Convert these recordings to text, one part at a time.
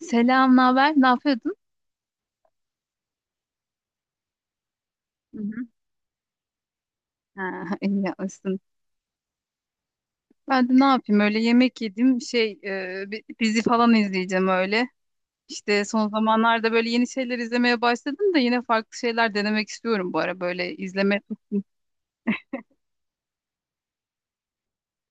Selam, ne haber? Ne yapıyordun? Hı hı. Ha, iyi yapmışsın. Ben de ne yapayım öyle yemek yedim şey bir dizi falan izleyeceğim öyle. İşte son zamanlarda böyle yeni şeyler izlemeye başladım da yine farklı şeyler denemek istiyorum bu ara böyle izleme.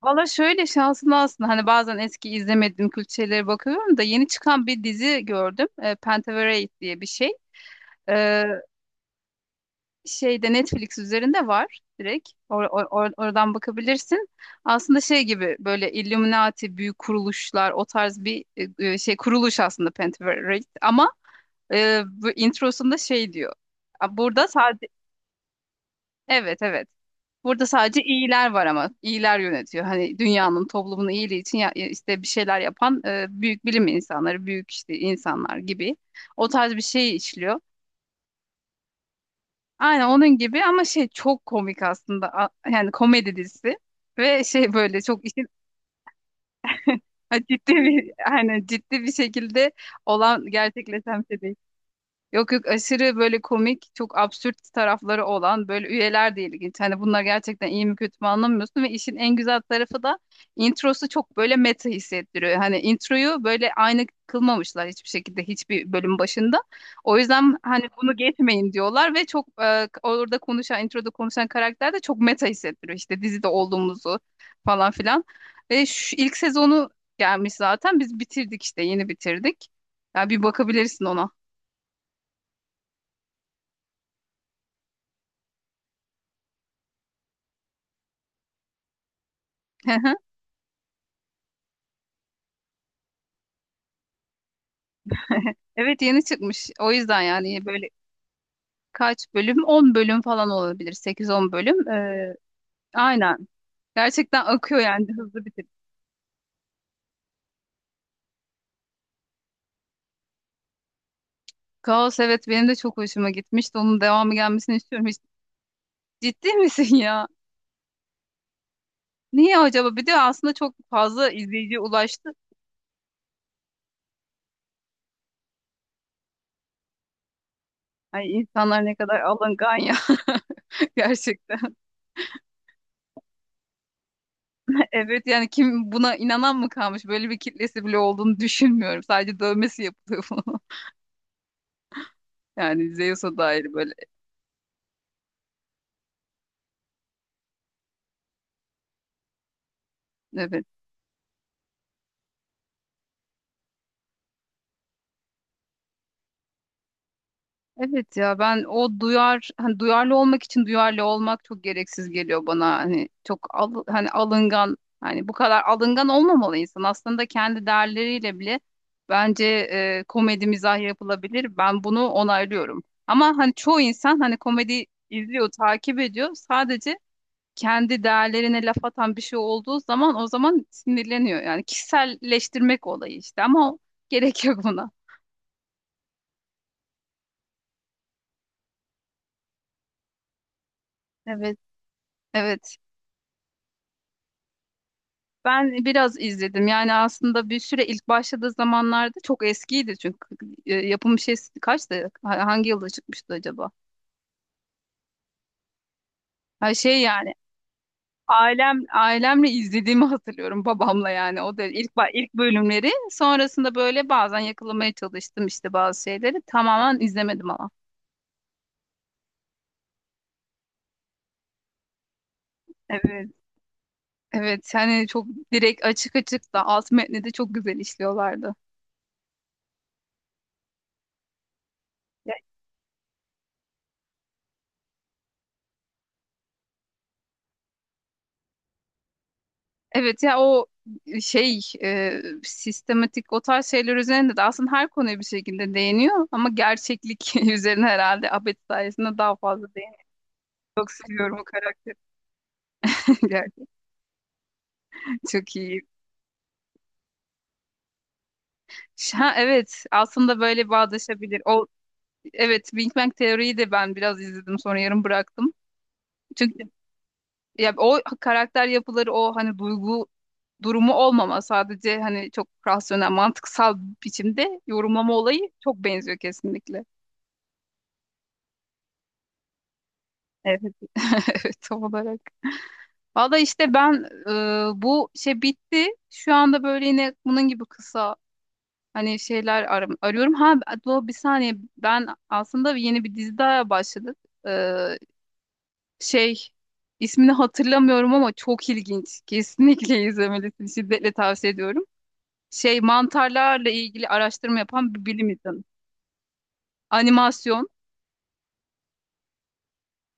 Valla şöyle şanslı aslında hani bazen eski izlemediğim kült şeylere bakıyorum da yeni çıkan bir dizi gördüm. Pentaverate diye bir şey. E, şeyde Netflix üzerinde var direkt. Oradan bakabilirsin. Aslında şey gibi böyle Illuminati büyük kuruluşlar o tarz bir şey kuruluş aslında Pentaverate ama bu introsunda şey diyor. Burada sadece evet evet. Burada sadece iyiler var ama iyiler yönetiyor. Hani dünyanın toplumun iyiliği için ya, işte bir şeyler yapan büyük bilim insanları, büyük işte insanlar gibi o tarz bir şey işliyor. Aynen onun gibi ama şey çok komik aslında. Yani komedi dizisi ve şey böyle çok işin ha, ciddi bir aynen ciddi bir şekilde olan gerçekleşen bir şey değil. Yok yok aşırı böyle komik, çok absürt tarafları olan böyle üyeler de ilginç. Hani bunlar gerçekten iyi mi kötü mü anlamıyorsun ve işin en güzel tarafı da introsu çok böyle meta hissettiriyor. Hani introyu böyle aynı kılmamışlar hiçbir şekilde hiçbir bölüm başında. O yüzden hani bunu geçmeyin diyorlar ve çok orada konuşan, introda konuşan karakter de çok meta hissettiriyor. İşte dizide olduğumuzu falan filan. Ve şu ilk sezonu gelmiş zaten. Biz bitirdik işte yeni bitirdik. Ya bir bakabilirsin ona. Evet yeni çıkmış. O yüzden yani böyle kaç bölüm? 10 bölüm falan olabilir. 8-10 bölüm. Aynen. Gerçekten akıyor yani hızlı bitir. Kaos evet benim de çok hoşuma gitmişti. Onun devamı gelmesini istiyorum. Ciddi misin ya? Niye acaba? Bir de aslında çok fazla izleyici ulaştı. Ay insanlar ne kadar alıngan ya, gerçekten. Evet yani kim buna inanan mı kalmış? Böyle bir kitlesi bile olduğunu düşünmüyorum. Sadece dövmesi yapılıyor bunun. Yani Zeus'a dair böyle. Evet. Evet ya ben o duyar hani duyarlı olmak için duyarlı olmak çok gereksiz geliyor bana hani çok hani alıngan hani bu kadar alıngan olmamalı insan aslında kendi değerleriyle bile bence komedi mizah yapılabilir ben bunu onaylıyorum ama hani çoğu insan hani komedi izliyor takip ediyor sadece kendi değerlerine laf atan bir şey olduğu zaman o zaman sinirleniyor yani kişiselleştirmek olayı işte ama gerek yok buna evet evet. Ben biraz izledim. Yani aslında bir süre ilk başladığı zamanlarda çok eskiydi çünkü yapım şey kaçtı? Hangi yılda çıkmıştı acaba? Ha şey yani ailemle izlediğimi hatırlıyorum babamla yani o da ilk bölümleri. Sonrasında böyle bazen yakalamaya çalıştım işte bazı şeyleri. Tamamen izlemedim ama. Evet. Evet yani çok direkt açık açık da alt metni de çok güzel işliyorlardı. Evet ya o şey sistematik o tarz şeyler üzerinde de aslında her konuya bir şekilde değiniyor ama gerçeklik üzerine herhalde Abed sayesinde daha fazla değiniyor. Çok seviyorum o karakteri. Gerçekten çok iyi. Ha, evet aslında böyle bağdaşabilir. O evet, Big Bang Teori'yi de ben biraz izledim sonra yarım bıraktım. Çünkü ya o karakter yapıları o hani duygu durumu olmama sadece hani çok rasyonel mantıksal biçimde yorumlama olayı çok benziyor kesinlikle. Evet, evet tam olarak. Valla işte ben bu şey bitti. Şu anda böyle yine bunun gibi kısa hani şeyler arıyorum. Bir saniye ben aslında yeni bir dizi daha başladık. E, şey ismini hatırlamıyorum ama çok ilginç. Kesinlikle izlemelisin. Şiddetle tavsiye ediyorum. Şey mantarlarla ilgili araştırma yapan bir bilim insanı. Animasyon.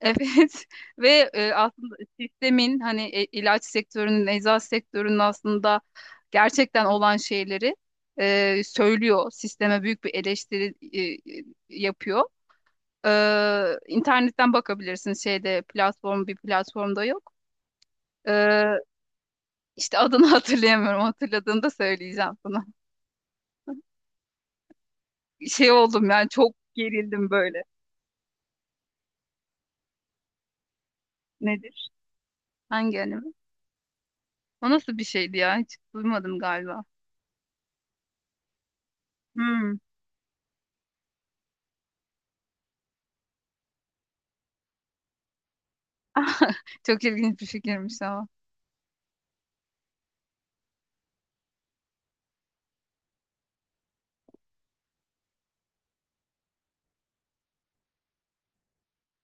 Evet, ve aslında sistemin hani ilaç sektörünün, eczacı sektörünün aslında gerçekten olan şeyleri söylüyor. Sisteme büyük bir eleştiri e, yapıyor. E, internetten bakabilirsin şeyde platform bir platformda yok. E, işte adını hatırlayamıyorum. Hatırladığında söyleyeceğim sana. Şey oldum yani çok gerildim böyle. Nedir? Hangi anime? O nasıl bir şeydi ya? Hiç duymadım galiba. Hmm, çok ilginç bir fikirmiş ama.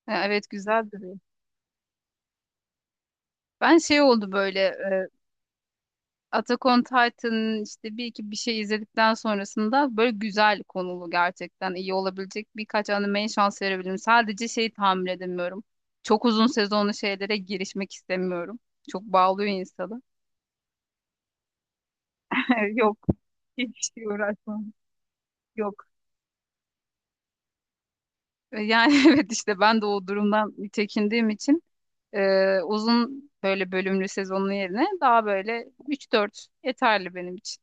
Ha, evet güzel duruyor. Ben şey oldu böyle Attack on Titan'ın işte bir iki bir şey izledikten sonrasında böyle güzel konulu gerçekten iyi olabilecek birkaç animeye şans verebilirim. Sadece şeyi tahammül edemiyorum. Çok uzun sezonlu şeylere girişmek istemiyorum. Çok bağlıyor insanı. Yok hiç uğraşmam. Yok. Yani evet işte ben de o durumdan çekindiğim için uzun böyle bölümlü sezonun yerine daha böyle üç dört yeterli benim için.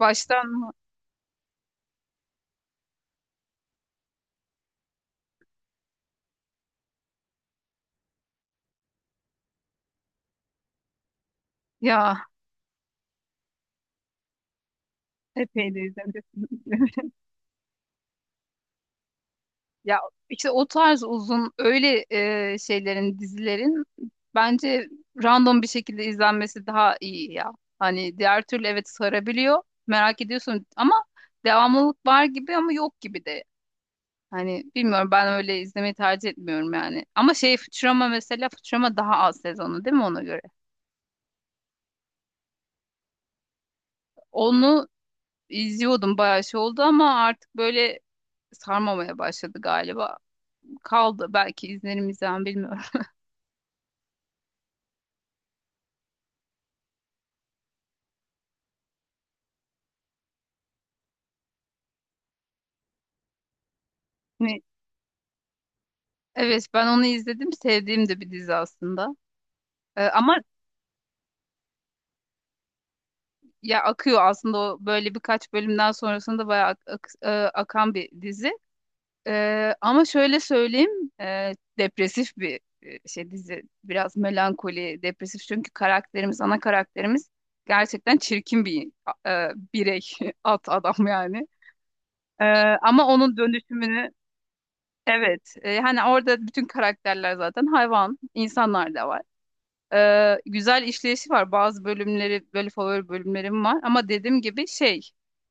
Baştan ya epeydir izledim. Ya işte o tarz uzun öyle şeylerin dizilerin bence random bir şekilde izlenmesi daha iyi ya. Hani diğer türlü evet sarabiliyor. Merak ediyorsun ama devamlılık var gibi ama yok gibi de. Hani bilmiyorum ben öyle izlemeyi tercih etmiyorum yani. Ama şey Futurama mesela Futurama daha az sezonu değil mi ona göre? Onu izliyordum bayağı şey oldu ama artık böyle sarmamaya başladı galiba. Kaldı belki izlerimizden bilmiyorum. Hani, evet ben onu izledim sevdiğim de bir dizi aslında. Ama ya akıyor aslında o böyle birkaç bölümden sonrasında bayağı akan bir dizi. Ama şöyle söyleyeyim depresif bir şey dizi biraz melankoli depresif çünkü karakterimiz ana karakterimiz gerçekten çirkin bir birey at adam yani. Ee, ama onun dönüşümünü. Evet, hani orada bütün karakterler zaten hayvan, insanlar da var. Güzel işleyişi var. Bazı bölümleri, böyle favori bölümlerim var. Ama dediğim gibi şey,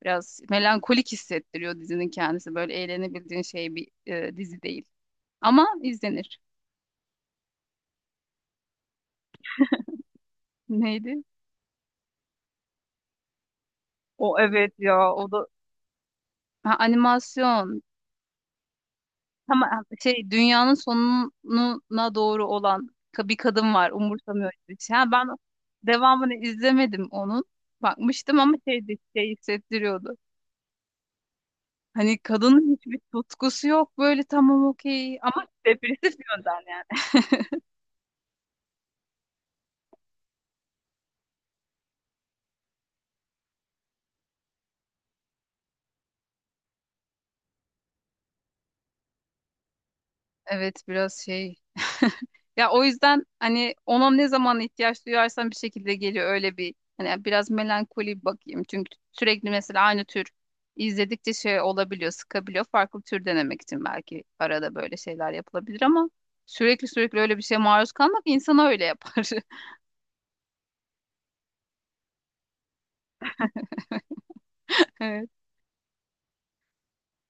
biraz melankolik hissettiriyor dizinin kendisi. Böyle eğlenebildiğin şey bir dizi değil. Ama izlenir. Neydi? O evet ya, o da ha, animasyon. Ama şey dünyanın sonuna doğru olan bir kadın var umursamıyor gibi, bir şey. Ha, ben devamını izlemedim onun. Bakmıştım ama şeydi şey hissettiriyordu. Hani kadının hiçbir tutkusu yok böyle tamam okey ama depresif yönden yani. Evet biraz şey. Ya o yüzden hani ona ne zaman ihtiyaç duyarsam bir şekilde geliyor öyle bir hani biraz melankoli bir bakayım. Çünkü sürekli mesela aynı tür izledikçe şey olabiliyor, sıkabiliyor. Farklı tür denemek için belki arada böyle şeyler yapılabilir ama sürekli sürekli öyle bir şeye maruz kalmak insanı öyle yapar. Evet.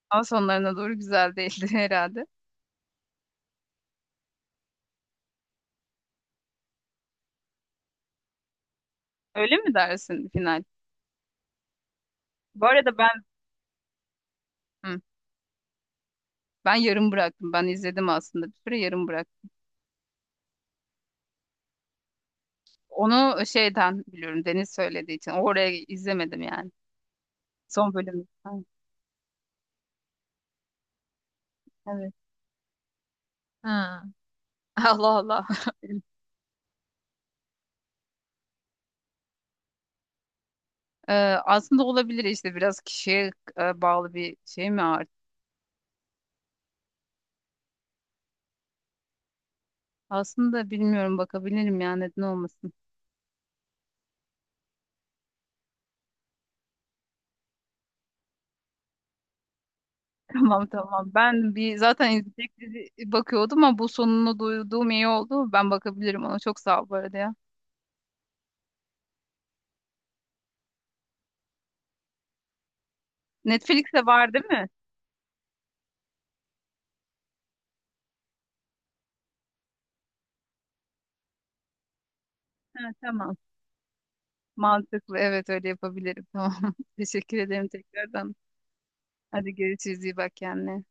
Ama sonlarına doğru güzel değildi herhalde. Öyle mi dersin final? Bu arada ben hı, ben yarım bıraktım. Ben izledim aslında bir süre yarım bıraktım. Onu şeyden biliyorum Deniz söylediği için. Oraya izlemedim yani. Son bölüm. Ha, evet. Ha. Allah Allah. Ee, aslında olabilir işte biraz kişiye bağlı bir şey mi artık? Aslında bilmiyorum bakabilirim yani neden olmasın. Tamam tamam. Ben bir zaten izleyecek dizi bakıyordum ama bu sonunu duyduğum iyi oldu. Ben bakabilirim ona. Çok sağ ol bu arada ya. Netflix'te var değil mi? Ha, tamam. Mantıklı. Evet öyle yapabilirim. Tamam. Teşekkür ederim tekrardan. Hadi görüşürüz. İyi bak kendine.